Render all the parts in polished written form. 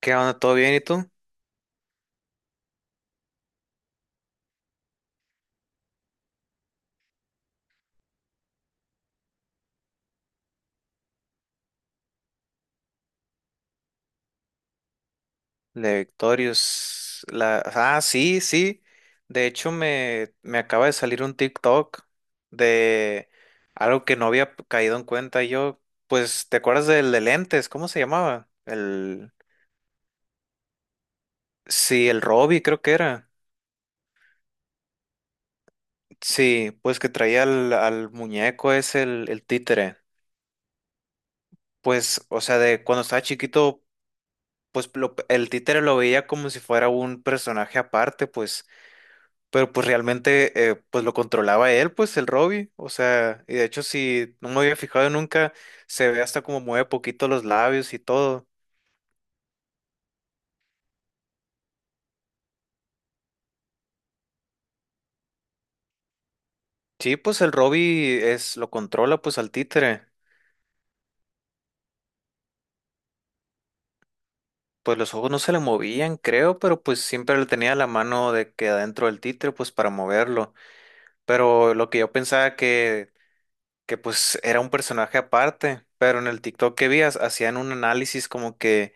¿Qué onda? ¿Todo bien? ¿Y tú? La de Victorious. La... Ah, sí, sí. De hecho, me acaba de salir un TikTok de algo que no había caído en cuenta. Yo, pues, ¿te acuerdas del de lentes? ¿Cómo se llamaba? El... Sí, el Robbie creo que era. Sí, pues que traía al, al muñeco, es el títere. Pues, o sea, de cuando estaba chiquito, pues el títere lo veía como si fuera un personaje aparte, pues. Pero pues realmente pues lo controlaba él, pues el Robbie, o sea, y de hecho si no me había fijado nunca, se ve hasta como mueve poquito los labios y todo. Sí, pues el Robbie es, lo controla pues al títere. Pues los ojos no se le movían, creo, pero pues siempre le tenía la mano de que adentro del títere pues para moverlo, pero lo que yo pensaba que pues era un personaje aparte, pero en el TikTok que vi hacían un análisis como que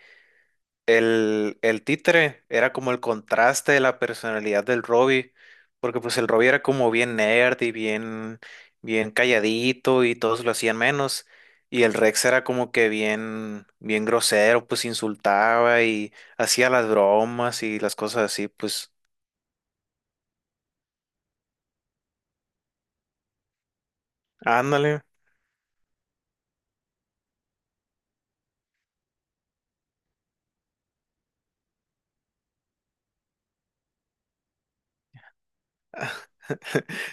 el títere era como el contraste de la personalidad del Robbie, porque pues el Robbie era como bien nerd y bien, bien calladito y todos lo hacían menos, y el Rex era como que bien, bien grosero, pues insultaba y hacía las bromas y las cosas así, pues. Ándale,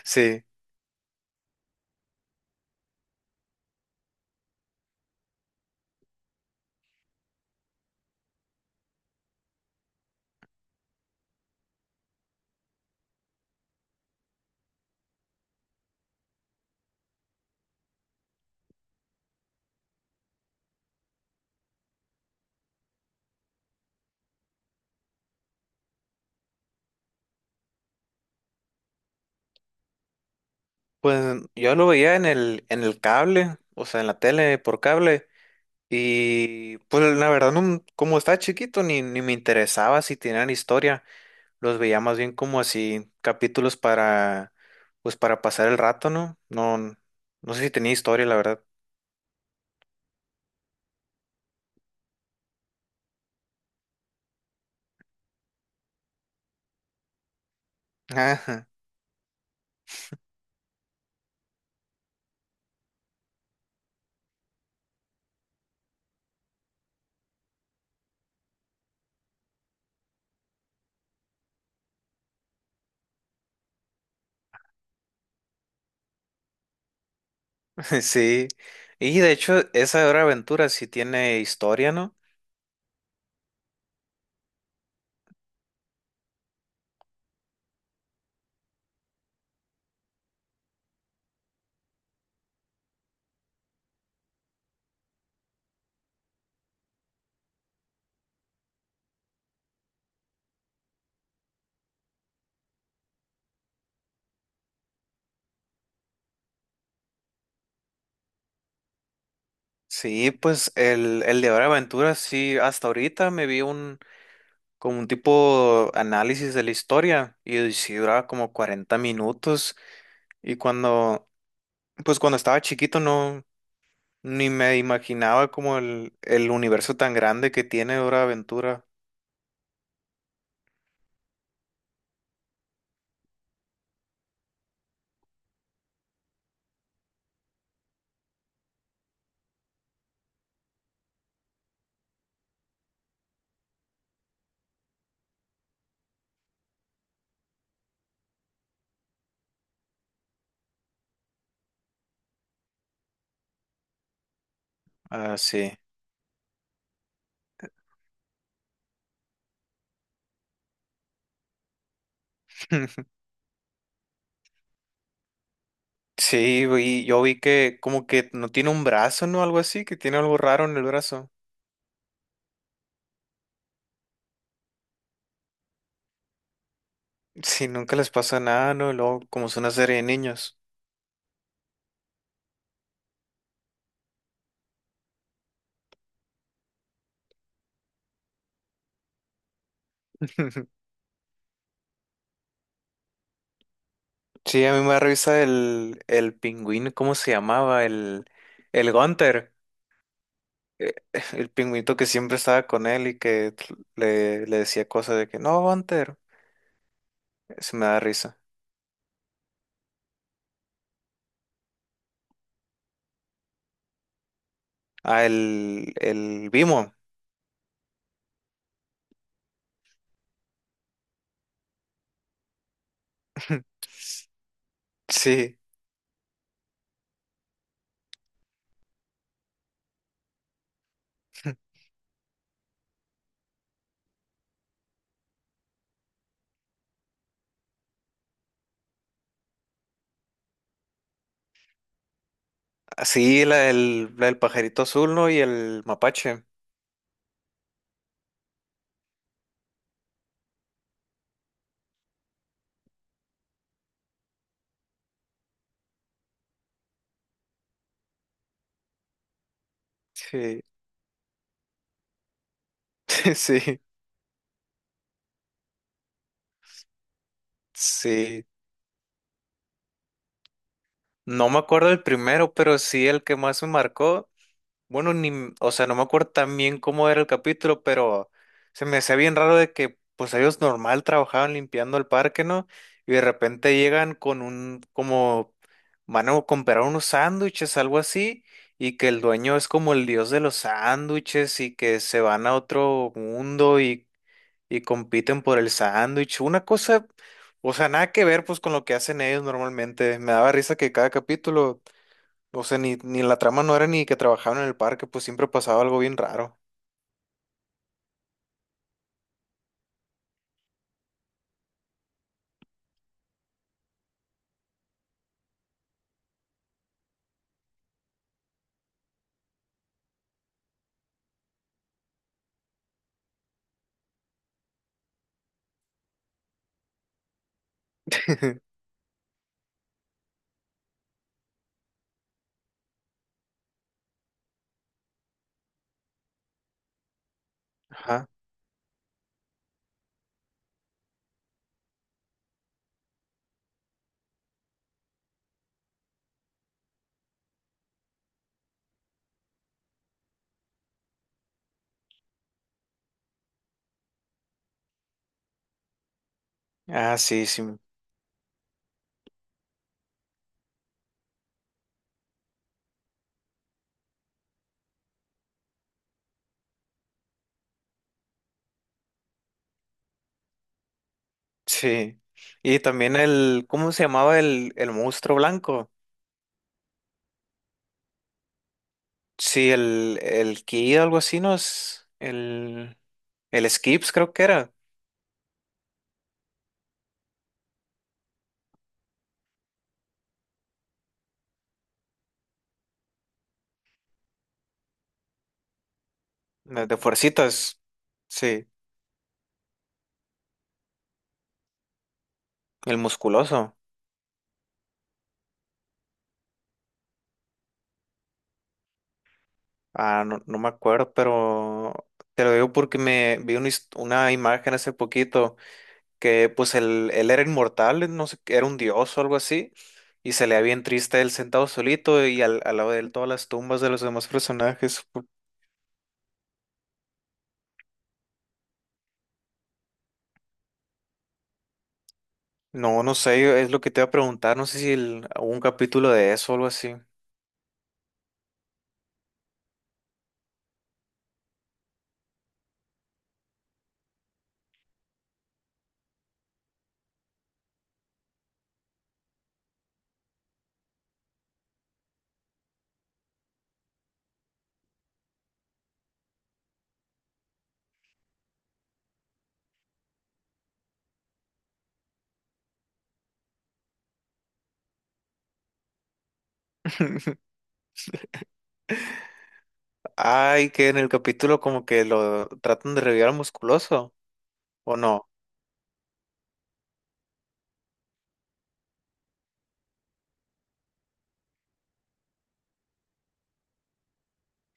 sí, pues yo lo veía en el cable, o sea, en la tele por cable. Y pues la verdad, no- como estaba chiquito, ni me interesaba si tenían historia. Los veía más bien como así capítulos para, pues para pasar el rato, ¿no? No, no sé si tenía historia, la verdad. Ajá. Sí, y de hecho esa de Hora de Aventura sí tiene historia, ¿no? Sí, pues el de Hora de Aventura sí, hasta ahorita me vi un como un tipo análisis de la historia y sí duraba como 40 minutos y cuando, pues cuando estaba chiquito no, ni me imaginaba como el universo tan grande que tiene Hora de Aventura. Ah, sí. Sí, yo vi que como que no tiene un brazo, ¿no? Algo así, que tiene algo raro en el brazo. Sí, nunca les pasa nada, ¿no? Y luego, como es una serie de niños. Sí, a mí me revisa el pingüino, ¿cómo se llamaba? El Gunther. Eh, el pingüinito que siempre estaba con él y que le decía cosas de que, no, Gunther. Se me da risa. Ah, el Bimo. Sí. Ah, sí, la, el, la del pajarito azul, ¿no? Y el mapache. Sí, sí, sí. No me acuerdo del primero, pero sí el que más me marcó. Bueno, ni, m- o sea, no me acuerdo tan bien cómo era el capítulo, pero se me hacía bien raro de que, pues ellos normal trabajaban limpiando el parque, ¿no? Y de repente llegan con un, como, van a comprar unos sándwiches, algo así, y que el dueño es como el dios de los sándwiches y que se van a otro mundo y. Y compiten por el sándwich. Una cosa, o sea, nada que ver pues con lo que hacen ellos normalmente. Me daba risa que cada capítulo, o sea, ni la trama no era ni que trabajaban en el parque, pues siempre pasaba algo bien raro. Ajá. Ah, sí, sí, sí. Y también el, ¿cómo se llamaba el monstruo blanco? Sí, el Ki, algo así, ¿no? Es el Skips creo que era, de fuercitas. Sí, el musculoso. Ah, no, no me acuerdo, pero te lo digo porque me vi una, una imagen hace poquito que pues él era inmortal, no sé, era un dios o algo así, y se le veía bien triste él sentado solito y al, al lado de él todas las tumbas de los demás personajes. Pu- No, no sé, es lo que te iba a preguntar, no sé si hubo un capítulo de eso o algo así. Ay, que en el capítulo como que lo tratan de revivir al musculoso, ¿o no?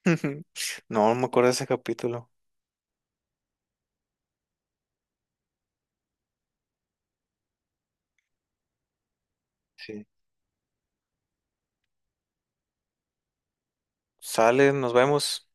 No, no me acuerdo de ese capítulo. Sí. Sale, nos vemos.